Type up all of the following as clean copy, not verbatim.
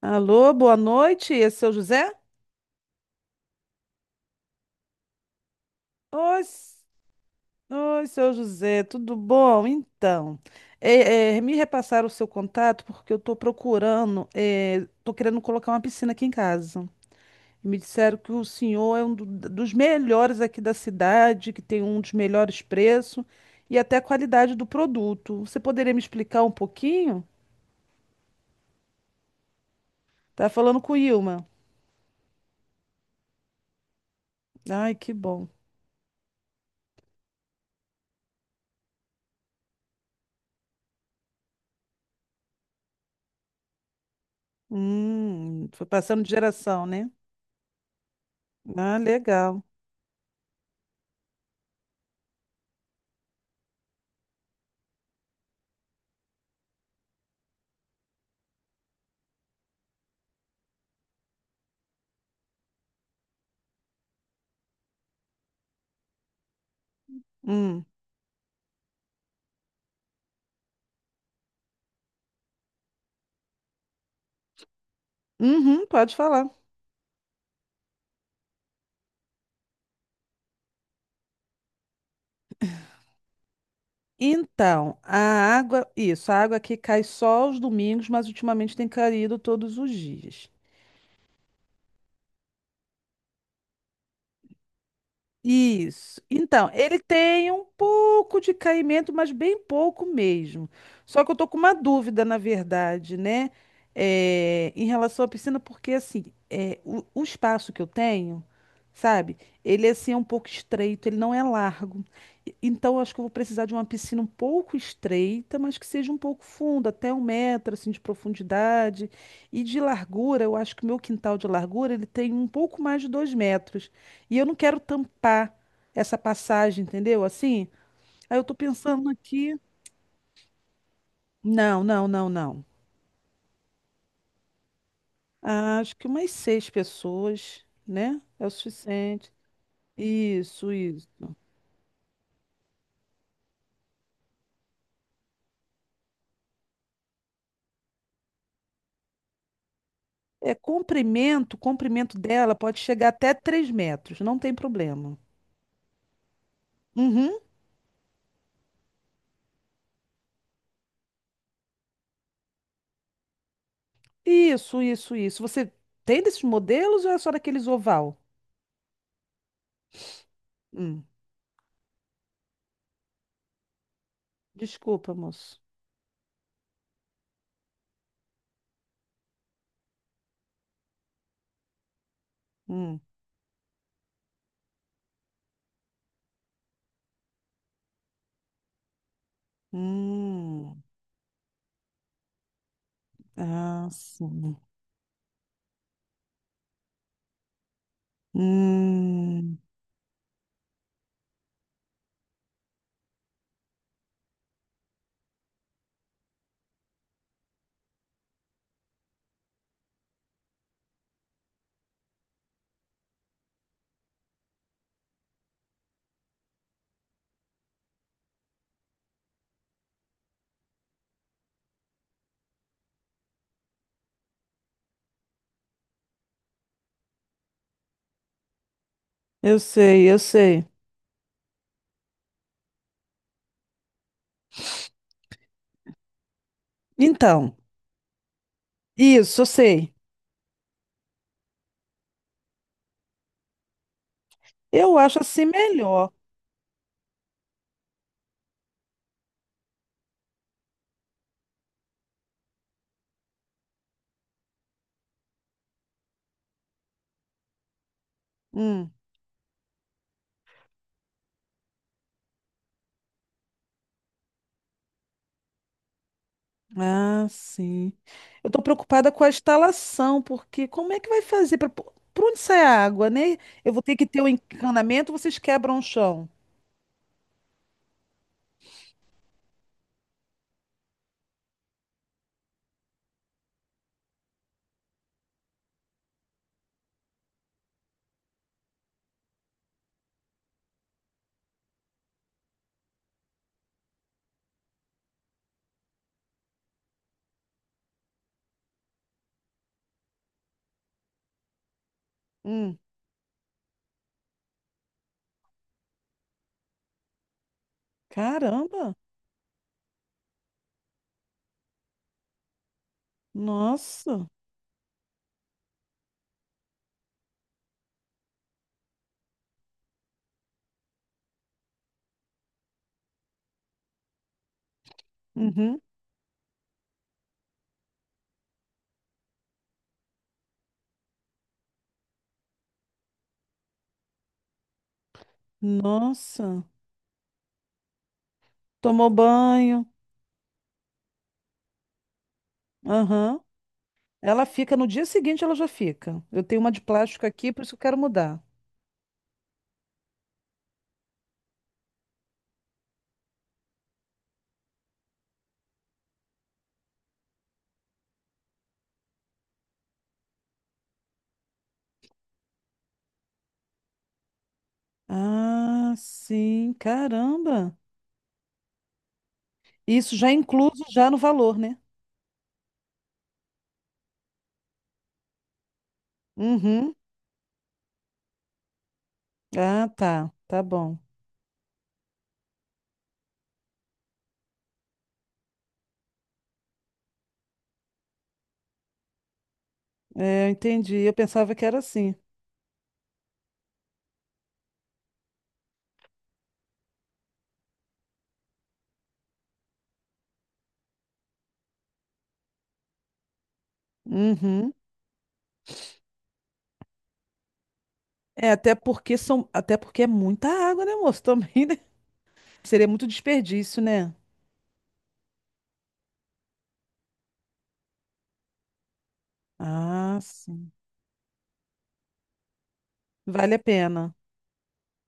Alô, boa noite, é seu José? Oi, s- oi, seu José, tudo bom? Então, me repassaram o seu contato porque eu estou querendo colocar uma piscina aqui em casa. Me disseram que o senhor é um dos melhores aqui da cidade, que tem um dos melhores preços e até a qualidade do produto. Você poderia me explicar um pouquinho? Tá falando com o Ilma. Ai, que bom. Foi passando de geração, né? Ah, legal. Hum. Uhum, pode falar. Então, a água, isso, a água aqui cai só aos domingos, mas ultimamente tem caído todos os dias. Isso. Então, ele tem um pouco de caimento, mas bem pouco mesmo. Só que eu tô com uma dúvida, na verdade, né? Em relação à piscina, porque assim, o espaço que eu tenho, sabe? Ele é, assim, é um pouco estreito, ele não é largo. Então, eu acho que eu vou precisar de uma piscina um pouco estreita, mas que seja um pouco funda, até 1 metro assim, de profundidade. E de largura, eu acho que o meu quintal de largura ele tem um pouco mais de 2 metros. E eu não quero tampar essa passagem, entendeu? Assim, aí eu tô pensando aqui. Não, não, não, não. Ah, acho que umas seis pessoas, né? É o suficiente. Isso, isso. O comprimento dela pode chegar até 3 metros, não tem problema. Uhum. Isso, isso, isso. Você tem desses modelos ou é só daqueles oval? Hum. Desculpa, moço. Hum. Hum. Ah, sim. Hum. Eu sei, eu sei. Então, isso, eu sei. Eu acho assim melhor. Hum. Ah, sim. Eu tô preocupada com a instalação, porque como é que vai fazer para para onde sai a água, né? Eu vou ter que ter o encanamento, vocês quebram o chão. Hum. Caramba! Nossa. Uhum. Nossa. Tomou banho. Aham. Ela fica no dia seguinte, ela já fica. Eu tenho uma de plástico aqui, por isso que eu quero mudar. Ah, sim, caramba. Isso já é incluso já no valor, né? Uhum. Ah, tá, tá bom. É, eu entendi. Eu pensava que era assim. Uhum. É, até porque são, até porque é muita água, né, moço? Também, né? Seria muito desperdício, né? Ah, sim. Vale a pena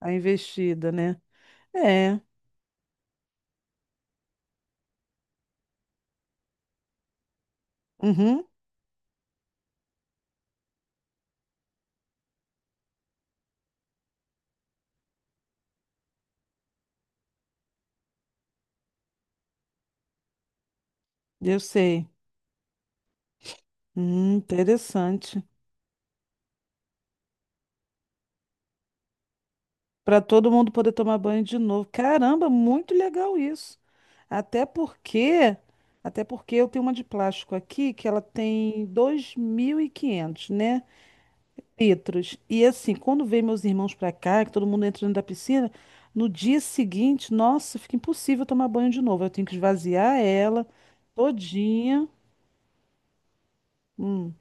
a investida, né? É. Uhum. Eu sei. Interessante. Para todo mundo poder tomar banho de novo. Caramba, muito legal isso. Até porque, até porque eu tenho uma de plástico aqui que ela tem 2.500, né, litros. E assim, quando vem meus irmãos para cá, que todo mundo entra dentro da piscina, no dia seguinte, nossa, fica impossível tomar banho de novo. Eu tenho que esvaziar ela todinha. Hum.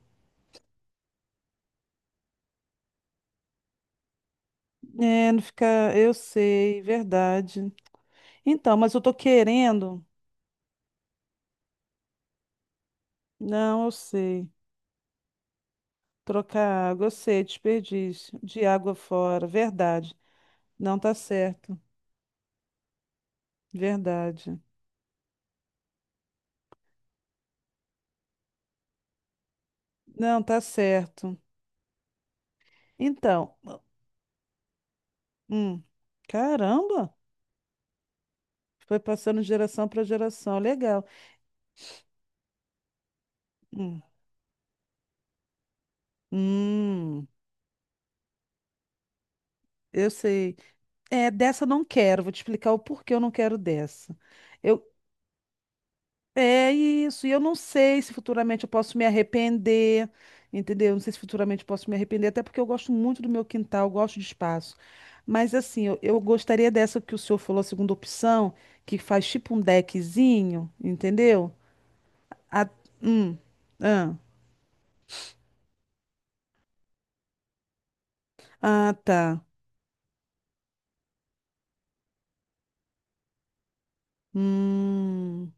É, não fica, eu sei, verdade. Então, mas eu tô querendo. Não, eu sei. Trocar água, eu sei, desperdício. De água fora, verdade. Não tá certo, verdade. Não tá certo. Então, hum, caramba, foi passando de geração para geração, legal. Hum, hum, eu sei. É, dessa eu não quero, vou te explicar o porquê eu não quero dessa. Eu, É isso, e eu não sei se futuramente eu posso me arrepender, entendeu? Não sei se futuramente eu posso me arrepender, até porque eu gosto muito do meu quintal, eu gosto de espaço. Mas assim, eu gostaria dessa que o senhor falou, a segunda opção, que faz tipo um deckzinho, entendeu? A- hum, ah, ah, tá. Hum,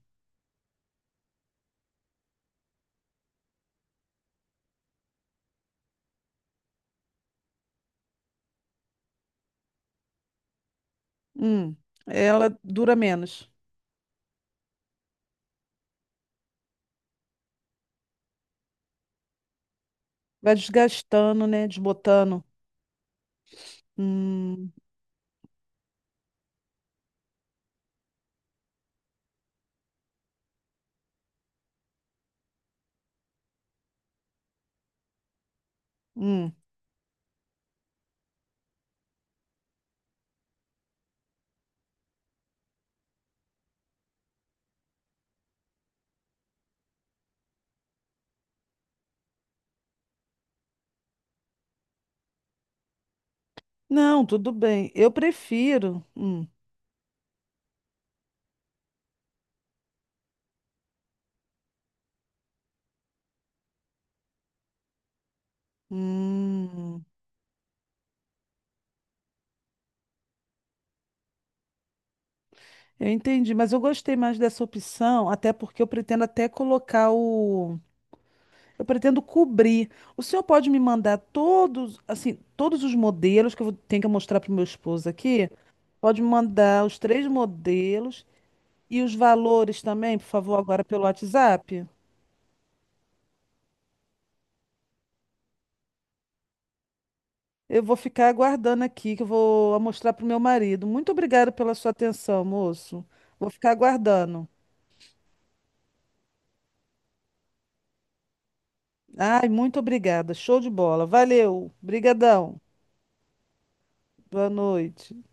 hum. Ela dura menos. Vai desgastando, né? Desbotando. Hum, hum. Não, tudo bem. Eu prefiro. Hum, eu entendi, mas eu gostei mais dessa opção, até porque eu pretendo até colocar eu pretendo cobrir. O senhor pode me mandar todos, assim, todos os modelos que tenho que mostrar para o meu esposo aqui? Pode me mandar os três modelos e os valores também, por favor, agora pelo WhatsApp. Eu vou ficar aguardando aqui, que eu vou mostrar para o meu marido. Muito obrigada pela sua atenção, moço. Vou ficar aguardando. Ai, muito obrigada. Show de bola. Valeu. Brigadão. Boa noite.